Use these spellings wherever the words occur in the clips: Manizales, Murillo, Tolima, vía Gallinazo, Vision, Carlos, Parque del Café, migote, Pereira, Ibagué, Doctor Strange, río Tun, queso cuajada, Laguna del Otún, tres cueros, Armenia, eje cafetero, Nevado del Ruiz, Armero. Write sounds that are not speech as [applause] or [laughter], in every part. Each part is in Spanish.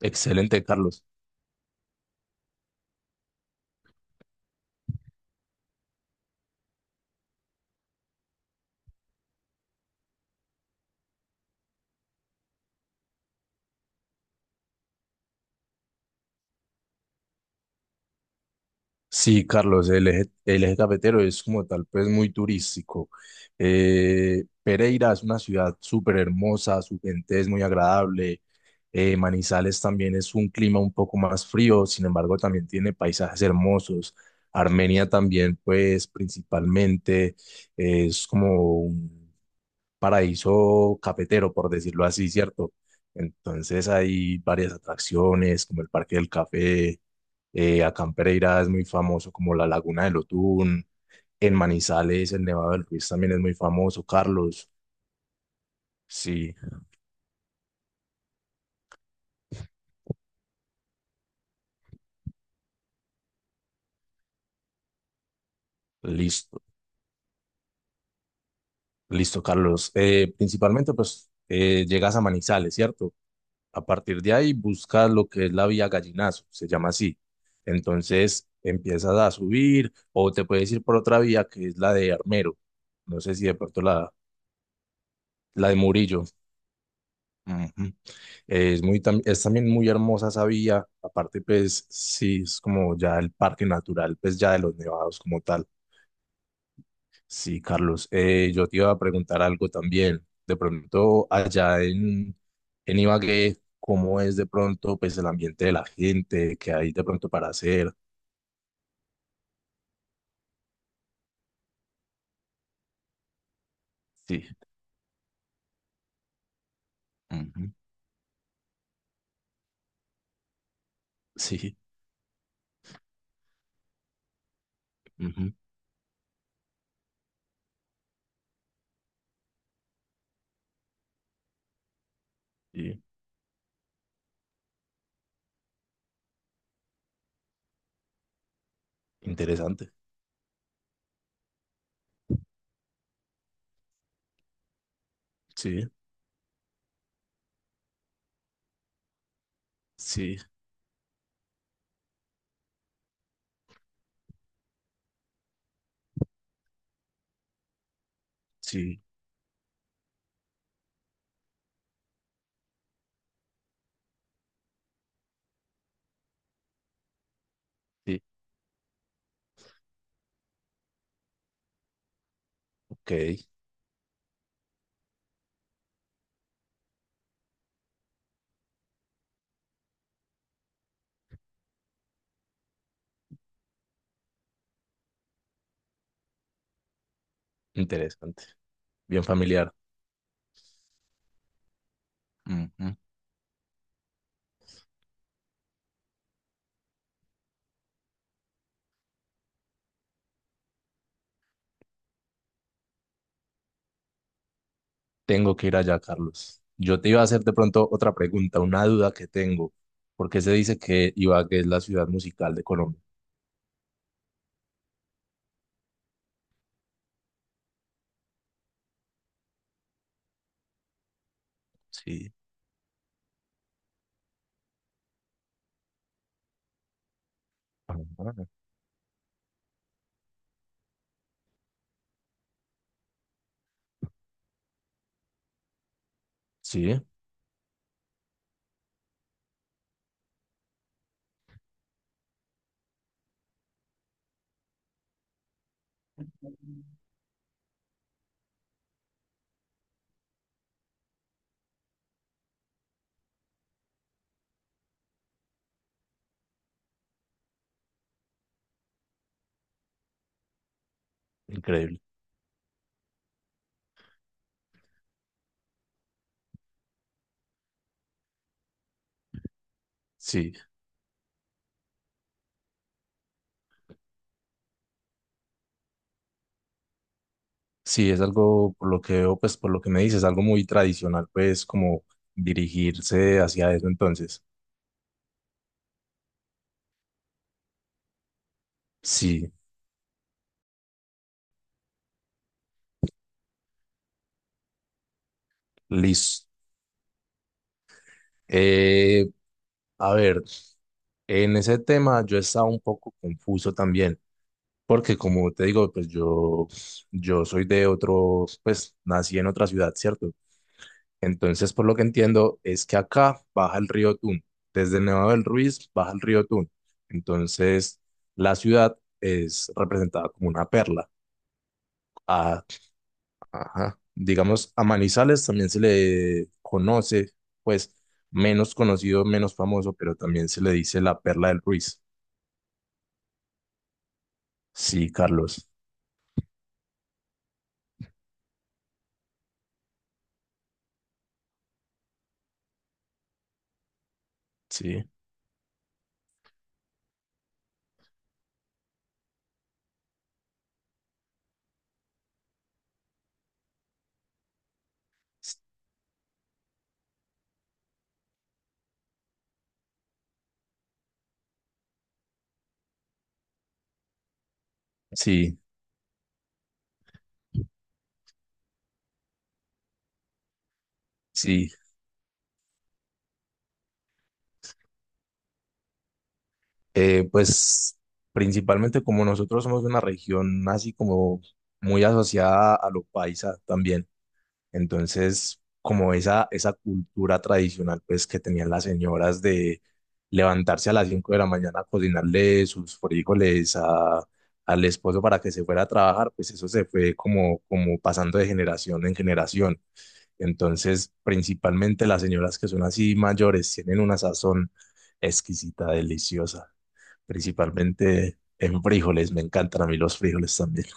Excelente, Carlos. Sí, Carlos, el eje cafetero es como tal, pues muy turístico. Pereira es una ciudad súper hermosa, su gente es muy agradable. Manizales también es un clima un poco más frío, sin embargo, también tiene paisajes hermosos. Armenia también, pues principalmente es como un paraíso cafetero, por decirlo así, ¿cierto? Entonces hay varias atracciones, como el Parque del Café. Acá en Pereira es muy famoso como la Laguna del Otún. En Manizales, el Nevado del Ruiz también es muy famoso. Carlos, sí, listo, listo, Carlos. Principalmente, pues, llegas a Manizales, ¿cierto? A partir de ahí buscas lo que es la vía Gallinazo, se llama así. Entonces empiezas a subir o te puedes ir por otra vía que es la de Armero. No sé si de pronto la de Murillo. Ujú. Es también muy hermosa esa vía, aparte pues sí, es como ya el parque natural, pues ya de los nevados como tal. Sí, Carlos, yo te iba a preguntar algo también, de pronto allá en Ibagué, ¿cómo es de pronto pues el ambiente de la gente, qué hay de pronto para hacer? Sí, ujú, sí, ujú, sí, interesante, sí, sí, sí, sí, ok, interesante, bien familiar. Tengo que ir allá, Carlos. Yo te iba a hacer de pronto otra pregunta, una duda que tengo. ¿Por qué se dice que Ibagué es la ciudad musical de Colombia? Sí. Ah, sí, increíble. Sí, sí, es algo, por lo que veo, pues por lo que me dices, algo muy tradicional, pues como dirigirse hacia eso entonces. Sí, listo. Eh, a ver, en ese tema yo estaba un poco confuso también. Porque como te digo, pues yo soy de otro, pues nací en otra ciudad, ¿cierto? Entonces, por lo que entiendo, es que acá baja el río Tun. Desde el Nevado del Ruiz baja el río Tun. Entonces, la ciudad es representada como una perla. A, ajá. Digamos, a Manizales también se le conoce, pues menos conocido, menos famoso, pero también se le dice la perla del Ruiz. Sí, Carlos. Sí. Sí, sí. Pues principalmente como nosotros somos de una región así como muy asociada a lo paisa también, entonces como esa cultura tradicional pues que tenían las señoras de levantarse a las 5 de la mañana a cocinarle sus frijoles al esposo para que se fuera a trabajar, pues eso se fue como pasando de generación en generación. Entonces, principalmente las señoras que son así mayores tienen una sazón exquisita, deliciosa. Principalmente en frijoles, me encantan a mí los frijoles también. [laughs]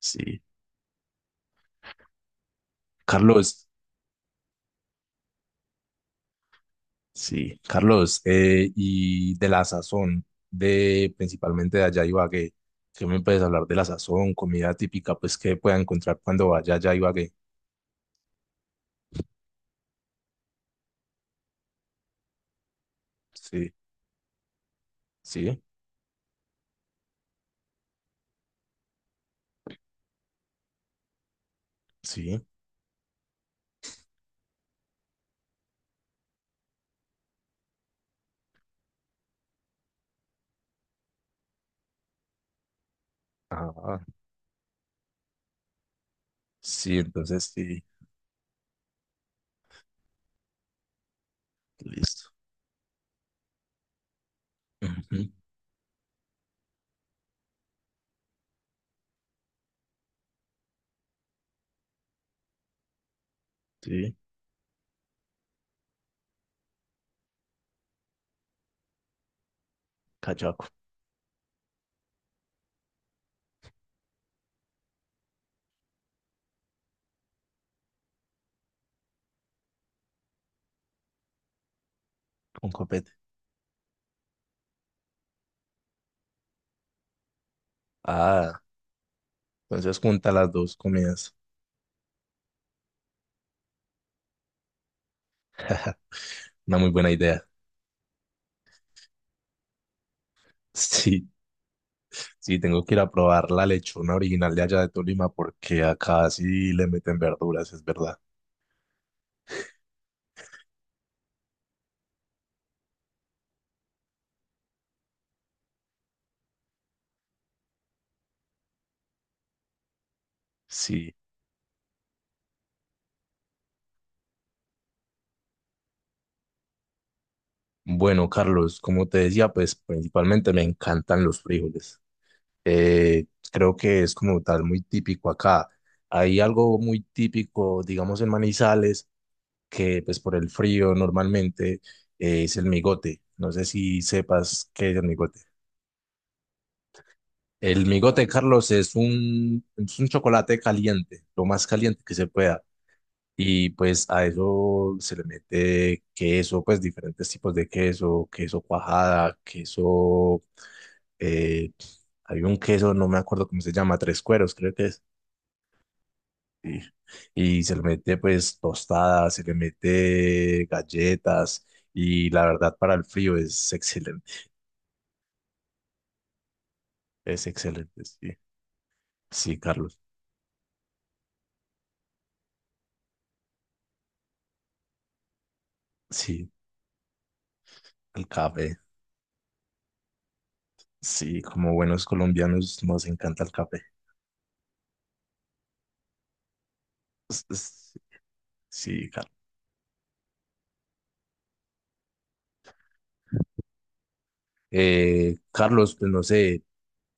Sí, Carlos, sí, Carlos, y de la sazón, de principalmente de allá Ibagué, ¿qué me puedes hablar de la sazón, comida típica, pues que pueda encontrar cuando vaya allá Ibagué? Sí, sí, sí, ah, sí, entonces sí, listo. Ujú, sí, cachaco. Un copete. Ah, entonces junta las dos comidas. [laughs] Una muy buena idea. [laughs] Sí, sí, tengo que ir a probar la lechona original de allá de Tolima porque acá sí le meten verduras, es verdad. Sí. Bueno, Carlos, como te decía, pues principalmente me encantan los frijoles. Eh, Creo que es como tal muy típico acá. Hay algo muy típico, digamos, en Manizales, que pues por el frío normalmente, es el migote. No sé si sepas qué es el migote. El migote, Carlos, es un chocolate caliente, lo más caliente que se pueda. Y pues a eso se le mete queso, pues diferentes tipos de queso, queso cuajada, queso, eh, hay un queso, no me acuerdo cómo se llama, tres cueros, creo que es. Sí. Y se le mete pues tostadas, se le mete galletas y la verdad para el frío es excelente, sí. Sí, Carlos, sí, el café. Sí, como buenos colombianos nos encanta el café. Es- es- Sí, Carlos. Carlos, pues no sé,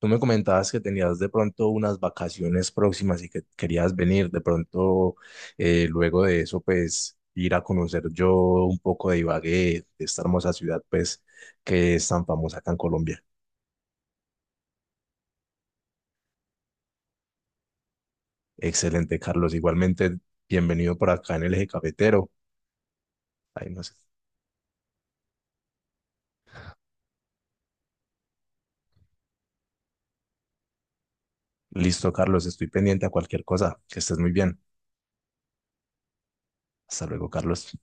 tú me comentabas que tenías de pronto unas vacaciones próximas y que querías venir. De pronto, luego de eso, pues ir a conocer yo un poco de Ibagué, de esta hermosa ciudad, pues que es tan famosa acá en Colombia. Excelente, Carlos. Igualmente, bienvenido por acá en el eje cafetero. Ay, no sé. Listo, Carlos, estoy pendiente a cualquier cosa. Que estés muy bien. Hasta luego, Carlos.